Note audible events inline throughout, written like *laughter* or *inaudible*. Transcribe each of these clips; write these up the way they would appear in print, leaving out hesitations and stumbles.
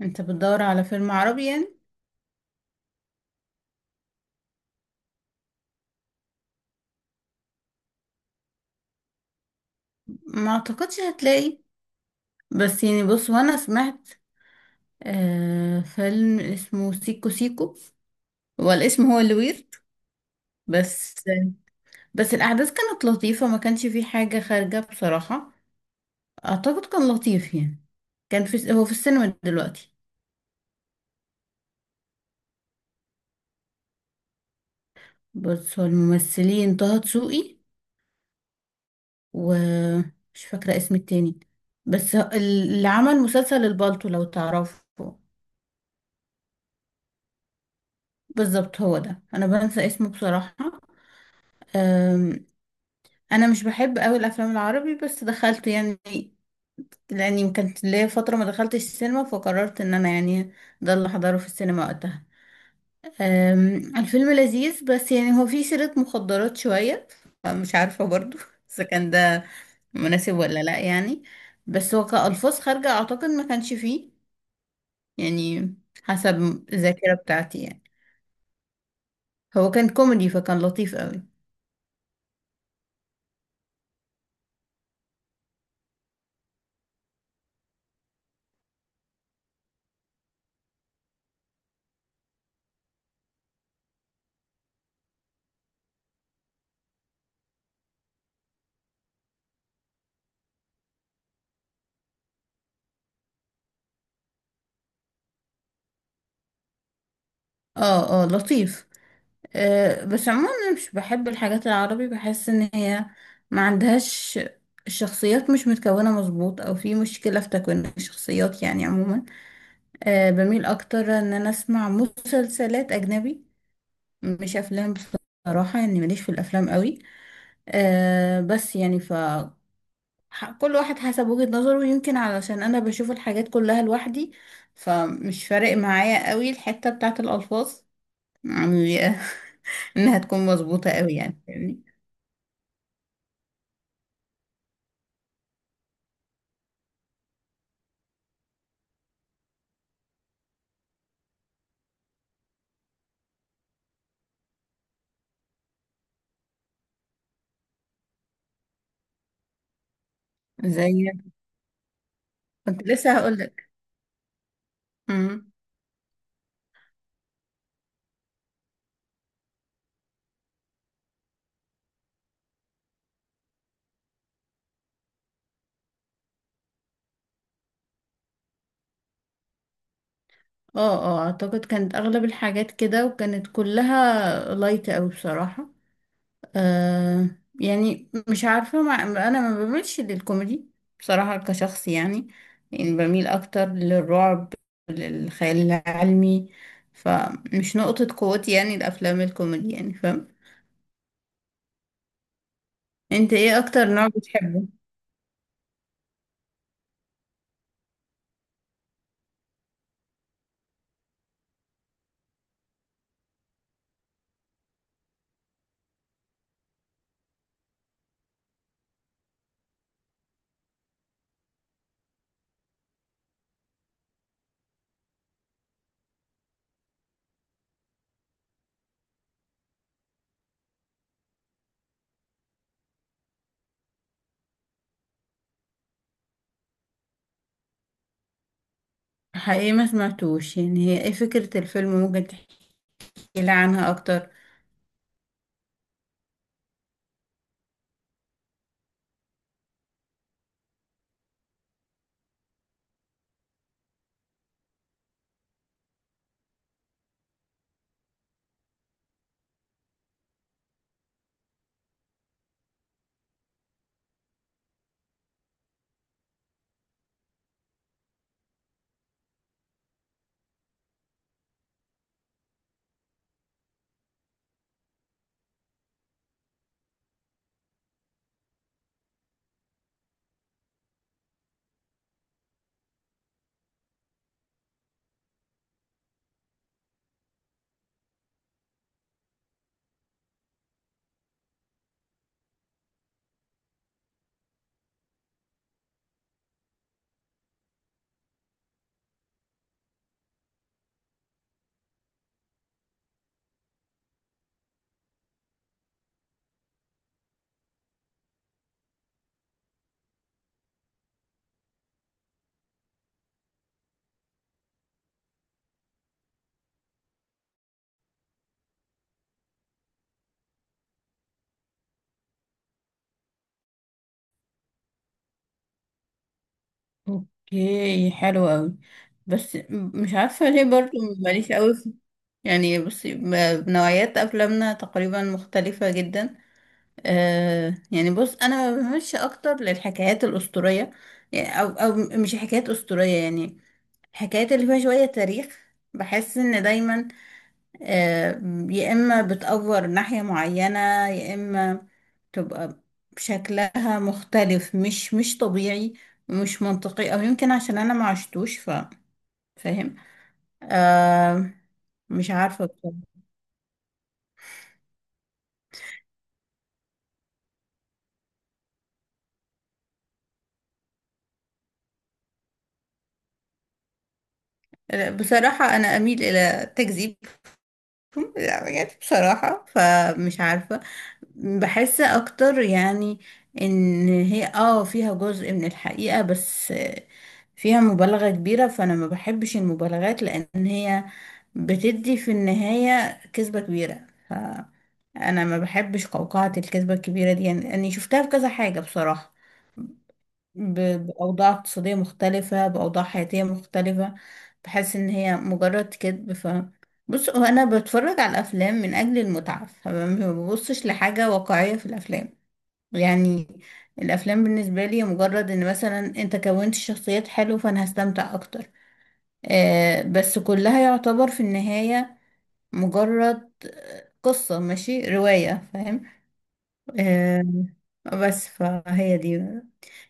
انت بتدور على فيلم عربي يعني. ما اعتقدش هتلاقي. بس يعني بص، وانا سمعت فيلم اسمه سيكو سيكو. هو الاسم هو اللي ويرد. بس بس الاحداث كانت لطيفة، ما كانش فيه حاجة خارجة بصراحة. اعتقد كان لطيف يعني. كان في، هو في السينما دلوقتي. بس هو الممثلين طه دسوقي، ومش فاكرة اسم التاني. بس اللي عمل مسلسل البالتو لو تعرفه. بالظبط، هو ده، انا بنسى اسمه بصراحة. أم، انا مش بحب قوي الافلام العربي، بس دخلت يعني، لاني كانت ليا فتره ما دخلتش السينما، فقررت ان انا يعني ده اللي احضره في السينما وقتها. الفيلم لذيذ، بس يعني هو فيه سيره مخدرات شويه، فمش عارفه برضو *laughs* اذا كان ده مناسب ولا لا يعني. بس هو كألفاظ خارجه اعتقد ما كانش فيه يعني، حسب الذاكره بتاعتي يعني. هو كان كوميدي فكان لطيف قوي. اه اه، لطيف. بس عموما مش بحب الحاجات العربي، بحس ان هي ما عندهاش، الشخصيات مش متكونة مظبوط، او في مشكلة في تكوين الشخصيات يعني عموما. بميل اكتر ان انا اسمع مسلسلات اجنبي، مش افلام بصراحة يعني، ماليش في الافلام قوي. أه، بس يعني ف ح- كل واحد حسب وجهة نظره، يمكن علشان انا بشوف الحاجات كلها لوحدي، فمش فارق معايا قوي الحتة بتاعت الالفاظ يعني *laughs* انها تكون مظبوطة قوي يعني، فاهمني؟ زي، كنت لسه هقولك. امم اه اه، اعتقد كانت اغلب الحاجات كده، وكانت كلها لايت اوي بصراحة. آه يعني مش عارفة، ما انا ما بميلش للكوميدي بصراحة كشخص يعني. يعني بميل اكتر للرعب، للخيال العلمي، فمش نقطة قوتي يعني الافلام الكوميدي يعني، فاهم؟ انت ايه اكتر نوع بتحبه؟ حقيقي ما سمعتوش يعني، هي ايه فكرة الفيلم؟ ممكن تحكي لي عنها اكتر؟ اوكي، حلو قوي. بس مش عارفة ليه، برضو ماليش قوي في يعني، بصي، نوعيات افلامنا تقريبا مختلفة جدا. آه يعني بص، انا بمشي اكتر للحكايات الاسطورية يعني، او او مش حكايات اسطورية يعني، الحكايات اللي فيها شوية تاريخ. بحس ان دايما، آه، يا إما بتأفور ناحية معينة، يا إما تبقى شكلها مختلف، مش طبيعي ومش منطقي، أو يمكن عشان أنا ما عشتوش ف... فاهم؟ آه. مش عارفة بصراحة. بصراحة أنا أميل إلى تكذيب. لا بجد، بصراحة فمش عارفة. بحس أكتر يعني إن هي اه فيها جزء من الحقيقة، بس فيها مبالغة كبيرة، فأنا ما بحبش المبالغات، لأن هي بتدي في النهاية كذبة كبيرة. أنا ما بحبش قوقعة الكذبة الكبيرة دي يعني، أني شفتها في كذا حاجة بصراحة. بأوضاع اقتصادية مختلفة، بأوضاع حياتية مختلفة، بحس إن هي مجرد كذب. ف بص، هو أنا بتفرج على الأفلام من أجل المتعة، فما ببصش لحاجة واقعية في الأفلام يعني. الأفلام بالنسبة لي مجرد إن مثلا أنت كونت شخصيات حلوة، فأنا هستمتع أكتر. آه، بس كلها يعتبر في النهاية مجرد قصة، ماشي، رواية، فاهم؟ آه. بس فهي دي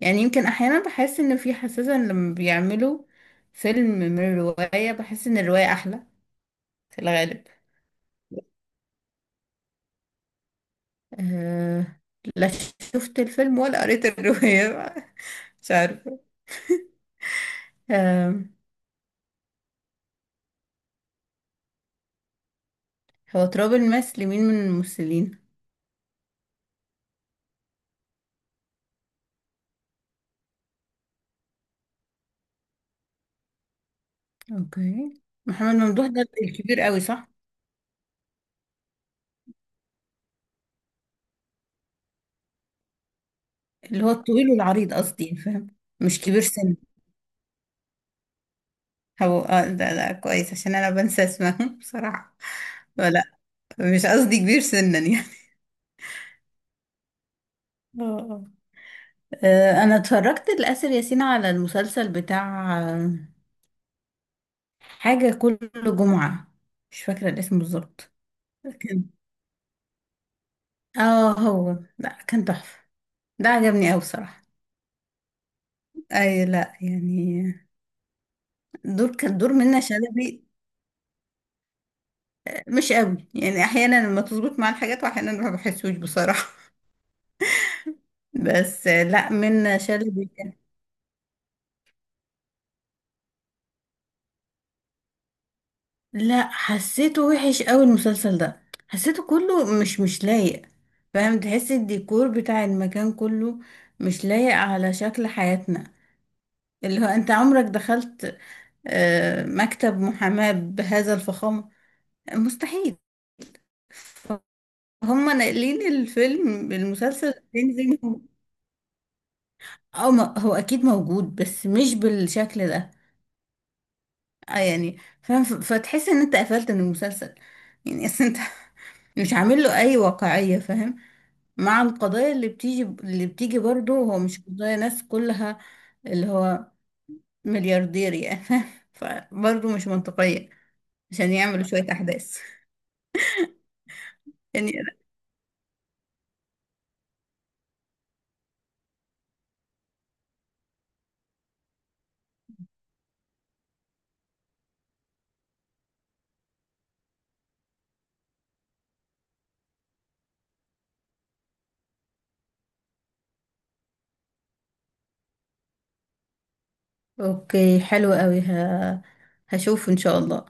يعني، يمكن احيانا بحس ان في حساسة، إن لما بيعملوا فيلم من رواية، بحس ان الرواية احلى في الغالب. أه. لا، شفت الفيلم ولا قريت الرواية *laughs* مش عارفة. أه. هو تراب الماس لمين من الممثلين؟ اوكي، محمد ممدوح ده الكبير قوي، صح؟ اللي هو الطويل والعريض، قصدي، فاهم؟ مش كبير سن. هو اه، ده كويس، عشان انا بنسى اسمهم *laughs* بصراحة. ولا، مش قصدي كبير سنا يعني. اه. انا اتفرجت لآسر ياسين على المسلسل بتاع حاجة كل جمعة، مش فاكرة الاسم بالظبط. كان اه هو، لا كان تحفة، ده عجبني اوي بصراحة. اي، لا يعني، دور، كان دور منة شلبي مش قوي يعني، احيانا لما تظبط مع الحاجات، واحيانا ما بحسوش بصراحة *laughs* بس لا منة شلبي. لا، حسيته وحش قوي المسلسل ده، حسيته كله مش لايق. فاهم؟ تحس الديكور بتاع المكان كله مش لايق على شكل حياتنا. اللي هو انت عمرك دخلت مكتب محاماة بهذا الفخامة؟ مستحيل. هم ناقلين الفيلم المسلسل التاني زي ما هو. أو ما هو اكيد موجود، بس مش بالشكل ده. يعني فاهم، فتحس ان انت قفلت من المسلسل يعني، أصل انت *laughs* مش عامل له اي واقعية، فاهم؟ مع القضايا اللي بتيجي، اللي بتيجي برضه، هو مش قضايا ناس كلها، اللي هو ملياردير يعني *laughs* فبرضه مش منطقية، عشان يعملوا شوية أحداث يعني. أوكي، حلو قوي. ه... هشوف إن شاء الله.